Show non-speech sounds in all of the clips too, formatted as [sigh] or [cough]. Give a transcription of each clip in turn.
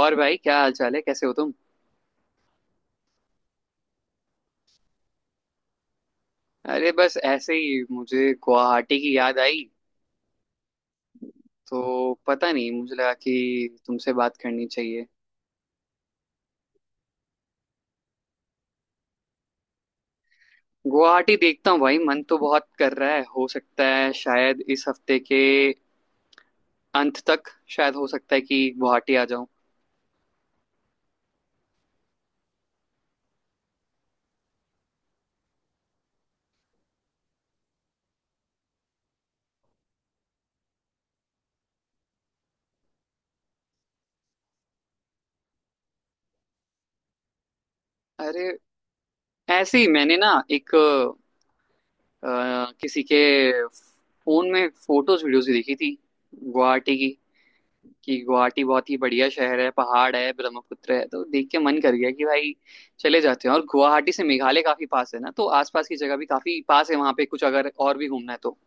और भाई, क्या हाल चाल है? कैसे हो तुम? अरे, बस ऐसे ही मुझे गुवाहाटी की याद आई। तो पता नहीं, मुझे लगा कि तुमसे बात करनी चाहिए। गुवाहाटी देखता हूँ भाई, मन तो बहुत कर रहा है। हो सकता है शायद इस हफ्ते के अंत तक, शायद हो सकता है कि गुवाहाटी आ जाऊं। अरे, ऐसे ही मैंने ना एक किसी के फोन में फोटोज वीडियोज देखी थी, गुवाहाटी की, कि गुवाहाटी बहुत ही बढ़िया शहर है, पहाड़ है, ब्रह्मपुत्र है। तो देख के मन कर गया कि भाई चले जाते हैं। और गुवाहाटी से मेघालय काफी पास है ना, तो आसपास की जगह भी काफी पास है। वहां पे कुछ अगर और भी घूमना है तो।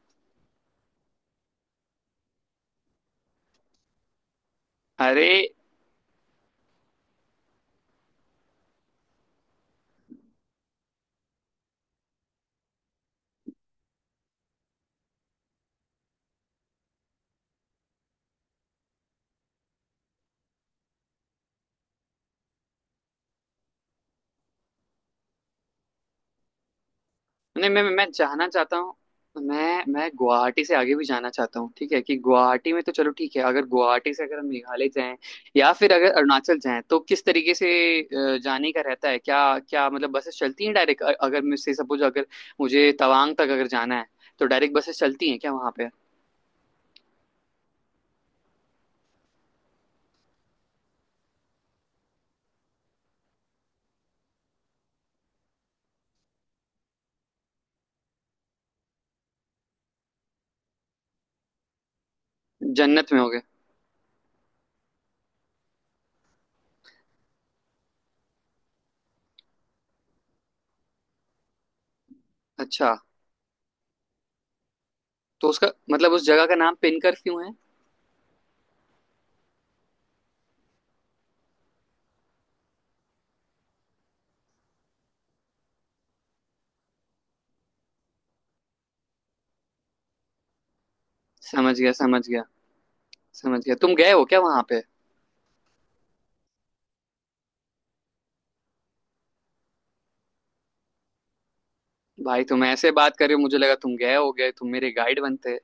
अरे नहीं, मैं जाना चाहता हूँ। मैं गुवाहाटी से आगे भी जाना चाहता हूँ। ठीक है कि गुवाहाटी में तो चलो ठीक है, अगर गुवाहाटी से अगर हम मेघालय जाएं या फिर अगर अरुणाचल जाएं, तो किस तरीके से जाने का रहता है? क्या, क्या मतलब बसेस चलती हैं डायरेक्ट? अगर मुझसे सपोज, अगर मुझे तवांग तक अगर जाना है, तो डायरेक्ट बसेस चलती हैं क्या वहां पे? जन्नत में हो गए। अच्छा, तो उसका मतलब उस जगह का नाम पिनकर क्यों है? समझ गया, समझ गया। समझ गया। तुम गए हो क्या वहां पे? भाई, तुम ऐसे बात कर रहे हो, मुझे लगा तुम गए हो। गए तुम मेरे गाइड बनते।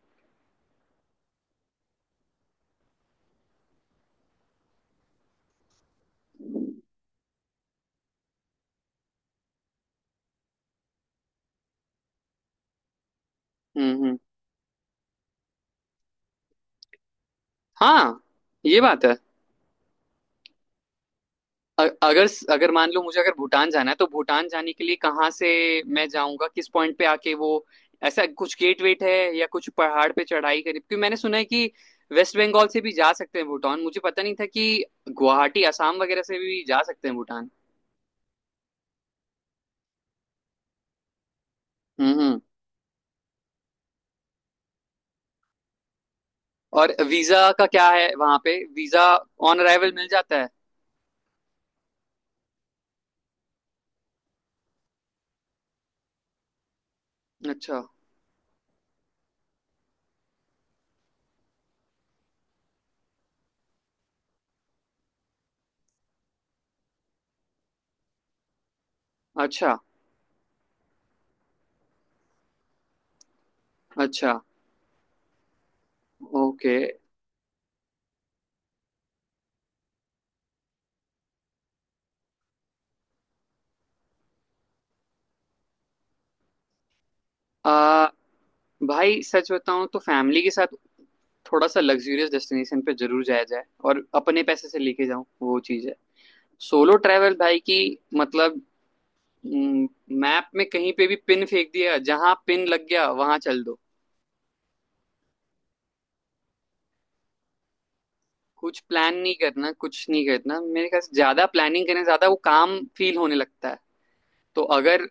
हम्म हम्म। हाँ, ये बात है। अगर अगर मान लो, मुझे अगर भूटान जाना है, तो भूटान जाने के लिए कहाँ से मैं जाऊंगा? किस पॉइंट पे आके वो ऐसा कुछ गेट वेट है, या कुछ पहाड़ पे चढ़ाई करी? क्योंकि मैंने सुना है कि वेस्ट बंगाल से भी जा सकते हैं भूटान, मुझे पता नहीं था कि गुवाहाटी असम वगैरह से भी जा सकते हैं भूटान। हम्म हम्म। और वीजा का क्या है? वहां पे वीजा ऑन अराइवल मिल जाता है? अच्छा। अच्छा। अच्छा। ओके। आ, भाई, सच बताऊं तो फैमिली के साथ थोड़ा सा लग्जूरियस डेस्टिनेशन पे जरूर जाया जाए और अपने पैसे से लेके जाऊं, वो चीज है। सोलो ट्रैवल भाई की मतलब, मैप में कहीं पे भी पिन फेंक दिया, जहां पिन लग गया वहां चल दो। कुछ प्लान नहीं करना, कुछ नहीं करना। मेरे ख्याल से ज्यादा प्लानिंग करने से ज्यादा वो काम फील होने लगता है। तो अगर,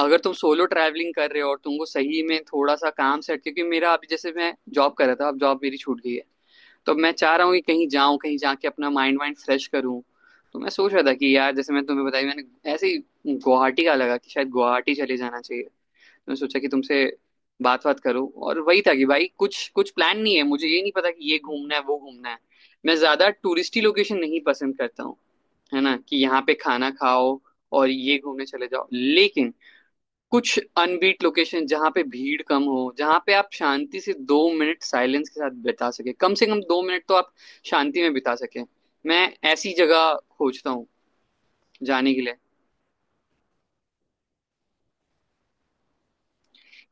तुम सोलो ट्रैवलिंग कर रहे हो और तुमको सही में थोड़ा सा काम सेट, क्योंकि मेरा अभी जैसे मैं जॉब कर रहा था, अब जॉब मेरी छूट गई है। तो मैं चाह रहा हूँ कि कहीं जाऊं, कहीं जाके अपना माइंड वाइंड फ्रेश करूँ। तो मैं सोच रहा था कि यार, जैसे मैं तुम्हें बताई मैंने, ऐसे ही गुवाहाटी का लगा कि शायद गुवाहाटी चले जाना चाहिए। तो मैं सोचा कि तुमसे बात बात करूं। और वही था कि भाई कुछ कुछ प्लान नहीं है, मुझे ये नहीं पता कि ये घूमना है, वो घूमना है। मैं ज्यादा टूरिस्टी लोकेशन नहीं पसंद करता हूँ, है ना? कि यहाँ पे खाना खाओ और ये घूमने चले जाओ। लेकिन कुछ अनबीट लोकेशन, जहां पे भीड़ कम हो, जहां पे आप शांति से 2 मिनट साइलेंस के साथ बिता सके, कम से कम 2 मिनट तो आप शांति में बिता सके, मैं ऐसी जगह खोजता हूँ जाने के लिए।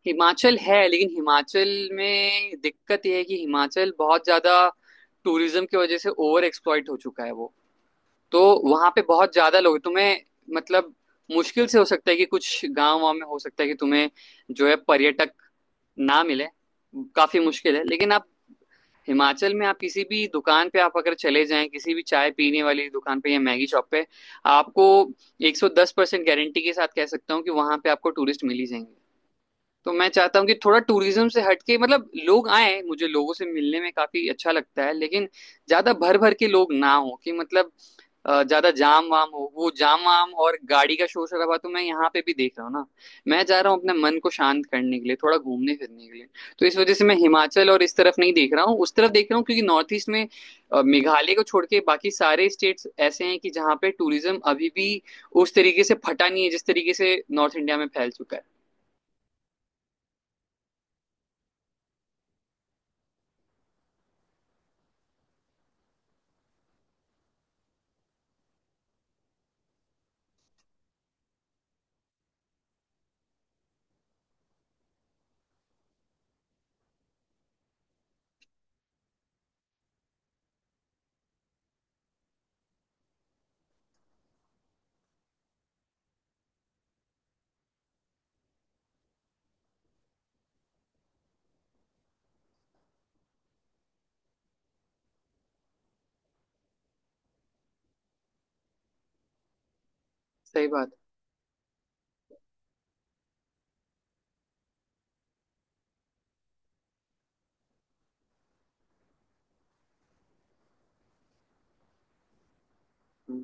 हिमाचल है, लेकिन हिमाचल में दिक्कत यह है कि हिमाचल बहुत ज्यादा टूरिज्म की वजह से ओवर एक्सप्लॉइट हो चुका है वो। तो वहां पे बहुत ज्यादा लोग, तुम्हें मतलब, मुश्किल से हो सकता है कि कुछ गांव वाँव में हो सकता है कि तुम्हें जो है पर्यटक ना मिले, काफी मुश्किल है। लेकिन आप हिमाचल में, आप किसी भी दुकान पे, आप अगर चले जाएं किसी भी चाय पीने वाली दुकान पे या मैगी शॉप पे, आपको 110% गारंटी के साथ कह सकता हूँ कि वहां पे आपको टूरिस्ट मिल ही जाएंगे। तो मैं चाहता हूँ कि थोड़ा टूरिज्म से हटके, मतलब लोग आए, मुझे लोगों से मिलने में काफी अच्छा लगता है, लेकिन ज्यादा भर भर के लोग ना हो, कि मतलब ज्यादा जाम वाम हो, वो जाम वाम और गाड़ी का शोर शराबा तो मैं यहाँ पे भी देख रहा हूँ ना। मैं चाह रहा हूँ अपने मन को शांत करने के लिए थोड़ा घूमने फिरने के लिए। तो इस वजह से मैं हिमाचल और इस तरफ नहीं देख रहा हूँ, उस तरफ देख रहा हूँ, क्योंकि नॉर्थ ईस्ट में मेघालय को छोड़ के बाकी सारे स्टेट्स ऐसे हैं कि जहाँ पे टूरिज्म अभी भी उस तरीके से फटा नहीं है जिस तरीके से नॉर्थ इंडिया में फैल चुका है। सही बात। हम्म।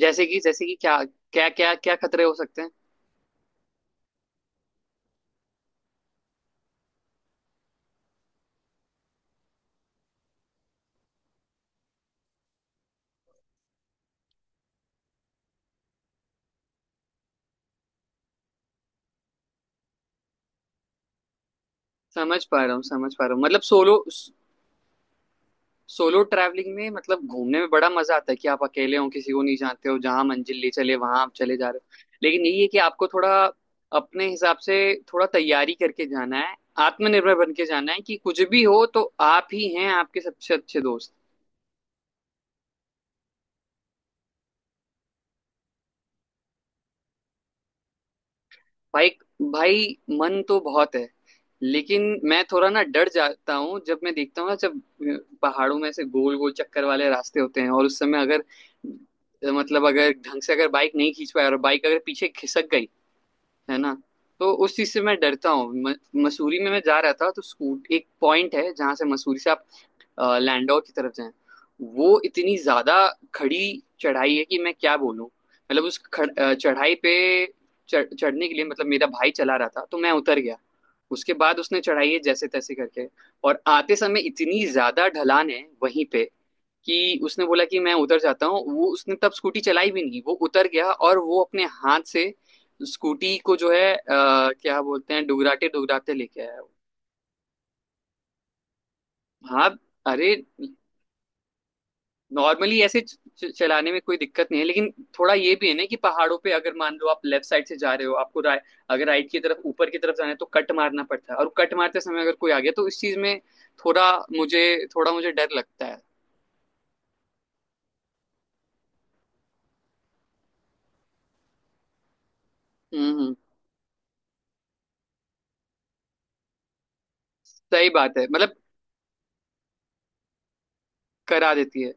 जैसे कि क्या? क्या क्या खतरे हो सकते हैं? समझ पा रहा हूँ, समझ पा रहा हूँ। मतलब, सोलो सोलो ट्रैवलिंग में, मतलब घूमने में बड़ा मजा आता है कि आप अकेले हो, किसी को नहीं जानते हो, जहां मंजिल ले चले वहां आप चले जा रहे हो। लेकिन यही है कि आपको थोड़ा अपने हिसाब से थोड़ा तैयारी करके जाना है, आत्मनिर्भर बन के जाना है कि कुछ भी हो तो आप ही हैं आपके सबसे अच्छे दोस्त। भाई, भाई, मन तो बहुत है, लेकिन मैं थोड़ा ना डर जाता हूँ जब मैं देखता हूँ ना, जब पहाड़ों में से गोल गोल चक्कर वाले रास्ते होते हैं, और उस समय अगर मतलब अगर ढंग से अगर बाइक नहीं खींच पाए और बाइक अगर पीछे खिसक गई, है ना, तो उस चीज से मैं डरता हूँ। मसूरी में मैं जा रहा था, तो स्कूट एक पॉइंट है जहां से मसूरी से आप लैंडौर की तरफ जाएं, वो इतनी ज्यादा खड़ी चढ़ाई है कि मैं क्या बोलूं। मतलब, उस चढ़ाई पे चढ़ने के लिए, मतलब मेरा भाई चला रहा था, तो मैं उतर गया। उसके बाद उसने चढ़ाई है जैसे तैसे करके। और आते समय इतनी ज्यादा ढलान है वहीं पे, कि उसने बोला कि मैं उतर जाता हूँ। वो उसने तब स्कूटी चलाई भी नहीं, वो उतर गया, और वो अपने हाथ से स्कूटी को जो है क्या बोलते हैं, डुगराते डुगराते लेके आया वो। हाँ। अरे, नॉर्मली ऐसे चलाने में कोई दिक्कत नहीं है, लेकिन थोड़ा ये भी है ना कि पहाड़ों पे अगर मान लो आप लेफ्ट साइड से जा रहे हो, आपको अगर राइट की तरफ ऊपर की तरफ जाना है, तो कट मारना पड़ता है, और कट मारते समय अगर कोई आ गया, तो इस चीज में थोड़ा, मुझे मुझे डर लगता है। हम्म हम्म, सही बात है। मतलब करा देती है।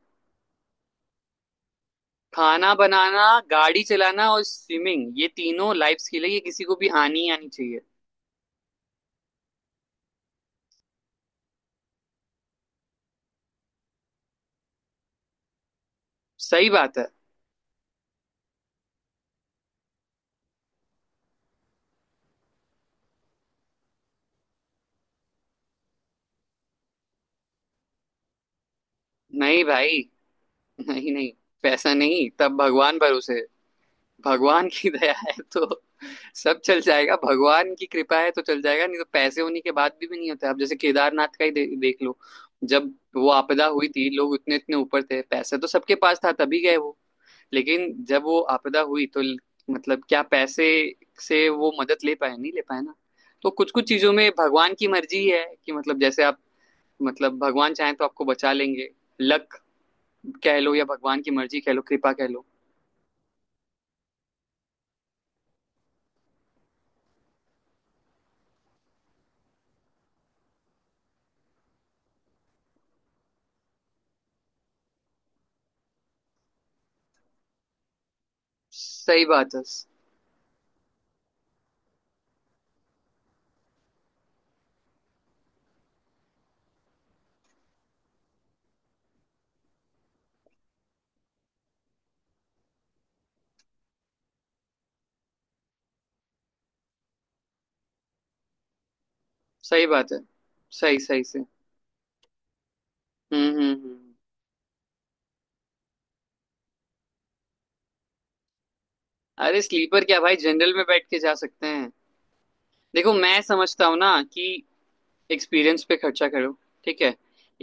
खाना बनाना, गाड़ी चलाना और स्विमिंग, ये तीनों लाइफ स्किल है, ये किसी को भी आनी ही आनी चाहिए। सही बात है। नहीं भाई, नहीं नहीं, पैसा नहीं तब भगवान भरोसे है। भगवान की [laughs] दया है तो सब चल जाएगा, भगवान की कृपा है तो चल जाएगा, नहीं तो पैसे होने के बाद भी नहीं होता। आप जैसे केदारनाथ का ही देख लो। जब वो आपदा हुई थी, लोग उतने इतने ऊपर थे, पैसा तो सबके पास था तभी गए वो। लेकिन जब वो आपदा हुई तो मतलब क्या पैसे से वो मदद ले पाए? नहीं ले पाए ना। तो कुछ कुछ चीजों में भगवान की मर्जी है कि, मतलब जैसे आप, मतलब भगवान चाहें तो आपको बचा लेंगे। लक कह लो, या भगवान की मर्जी कह लो, कृपा कह लो। सही बात है, सही बात है, सही सही से। हम्म हम्म हम्म। अरे स्लीपर क्या भाई, जनरल में बैठ के जा सकते हैं। देखो, मैं समझता हूँ ना कि एक्सपीरियंस पे खर्चा करो, ठीक है?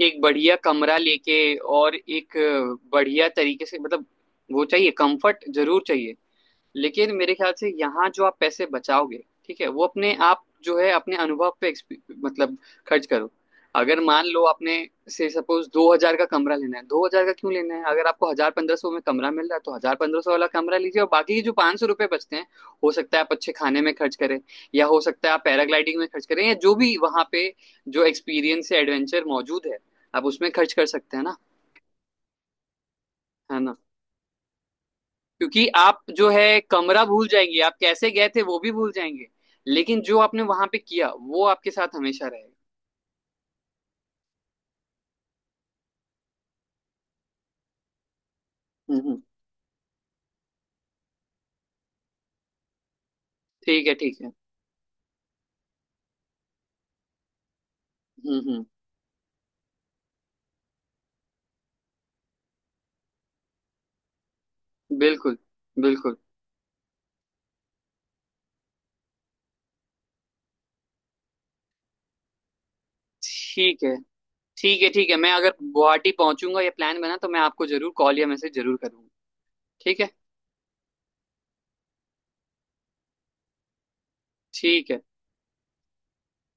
एक बढ़िया कमरा लेके, और एक बढ़िया तरीके से, मतलब वो चाहिए, कंफर्ट जरूर चाहिए। लेकिन मेरे ख्याल से यहाँ जो आप पैसे बचाओगे, ठीक है, वो अपने आप जो है अपने अनुभव पे मतलब खर्च करो। अगर मान लो आपने, से सपोज 2,000 का कमरा लेना है, 2,000 का क्यों लेना है? अगर आपको हजार पंद्रह सौ में कमरा मिल रहा है, तो हजार पंद्रह सौ वाला कमरा लीजिए, और बाकी के जो 500 रुपये बचते हैं, हो सकता है आप अच्छे खाने में खर्च करें, या हो सकता है आप पैराग्लाइडिंग में खर्च करें, या जो भी वहाँ पे जो एक्सपीरियंस या एडवेंचर मौजूद है, आप उसमें खर्च कर सकते हैं ना। है ना, क्योंकि आप जो है कमरा भूल जाएंगे, आप कैसे गए थे वो भी भूल जाएंगे, लेकिन जो आपने वहां पे किया वो आपके साथ हमेशा रहेगा। हम्म। ठीक है, ठीक है। हम्म। बिल्कुल, बिल्कुल। ठीक है, ठीक है। ठीक है, मैं अगर गुवाहाटी पहुंचूंगा या प्लान बना, तो मैं आपको जरूर कॉल या मैसेज जरूर करूंगा। ठीक है, ठीक है।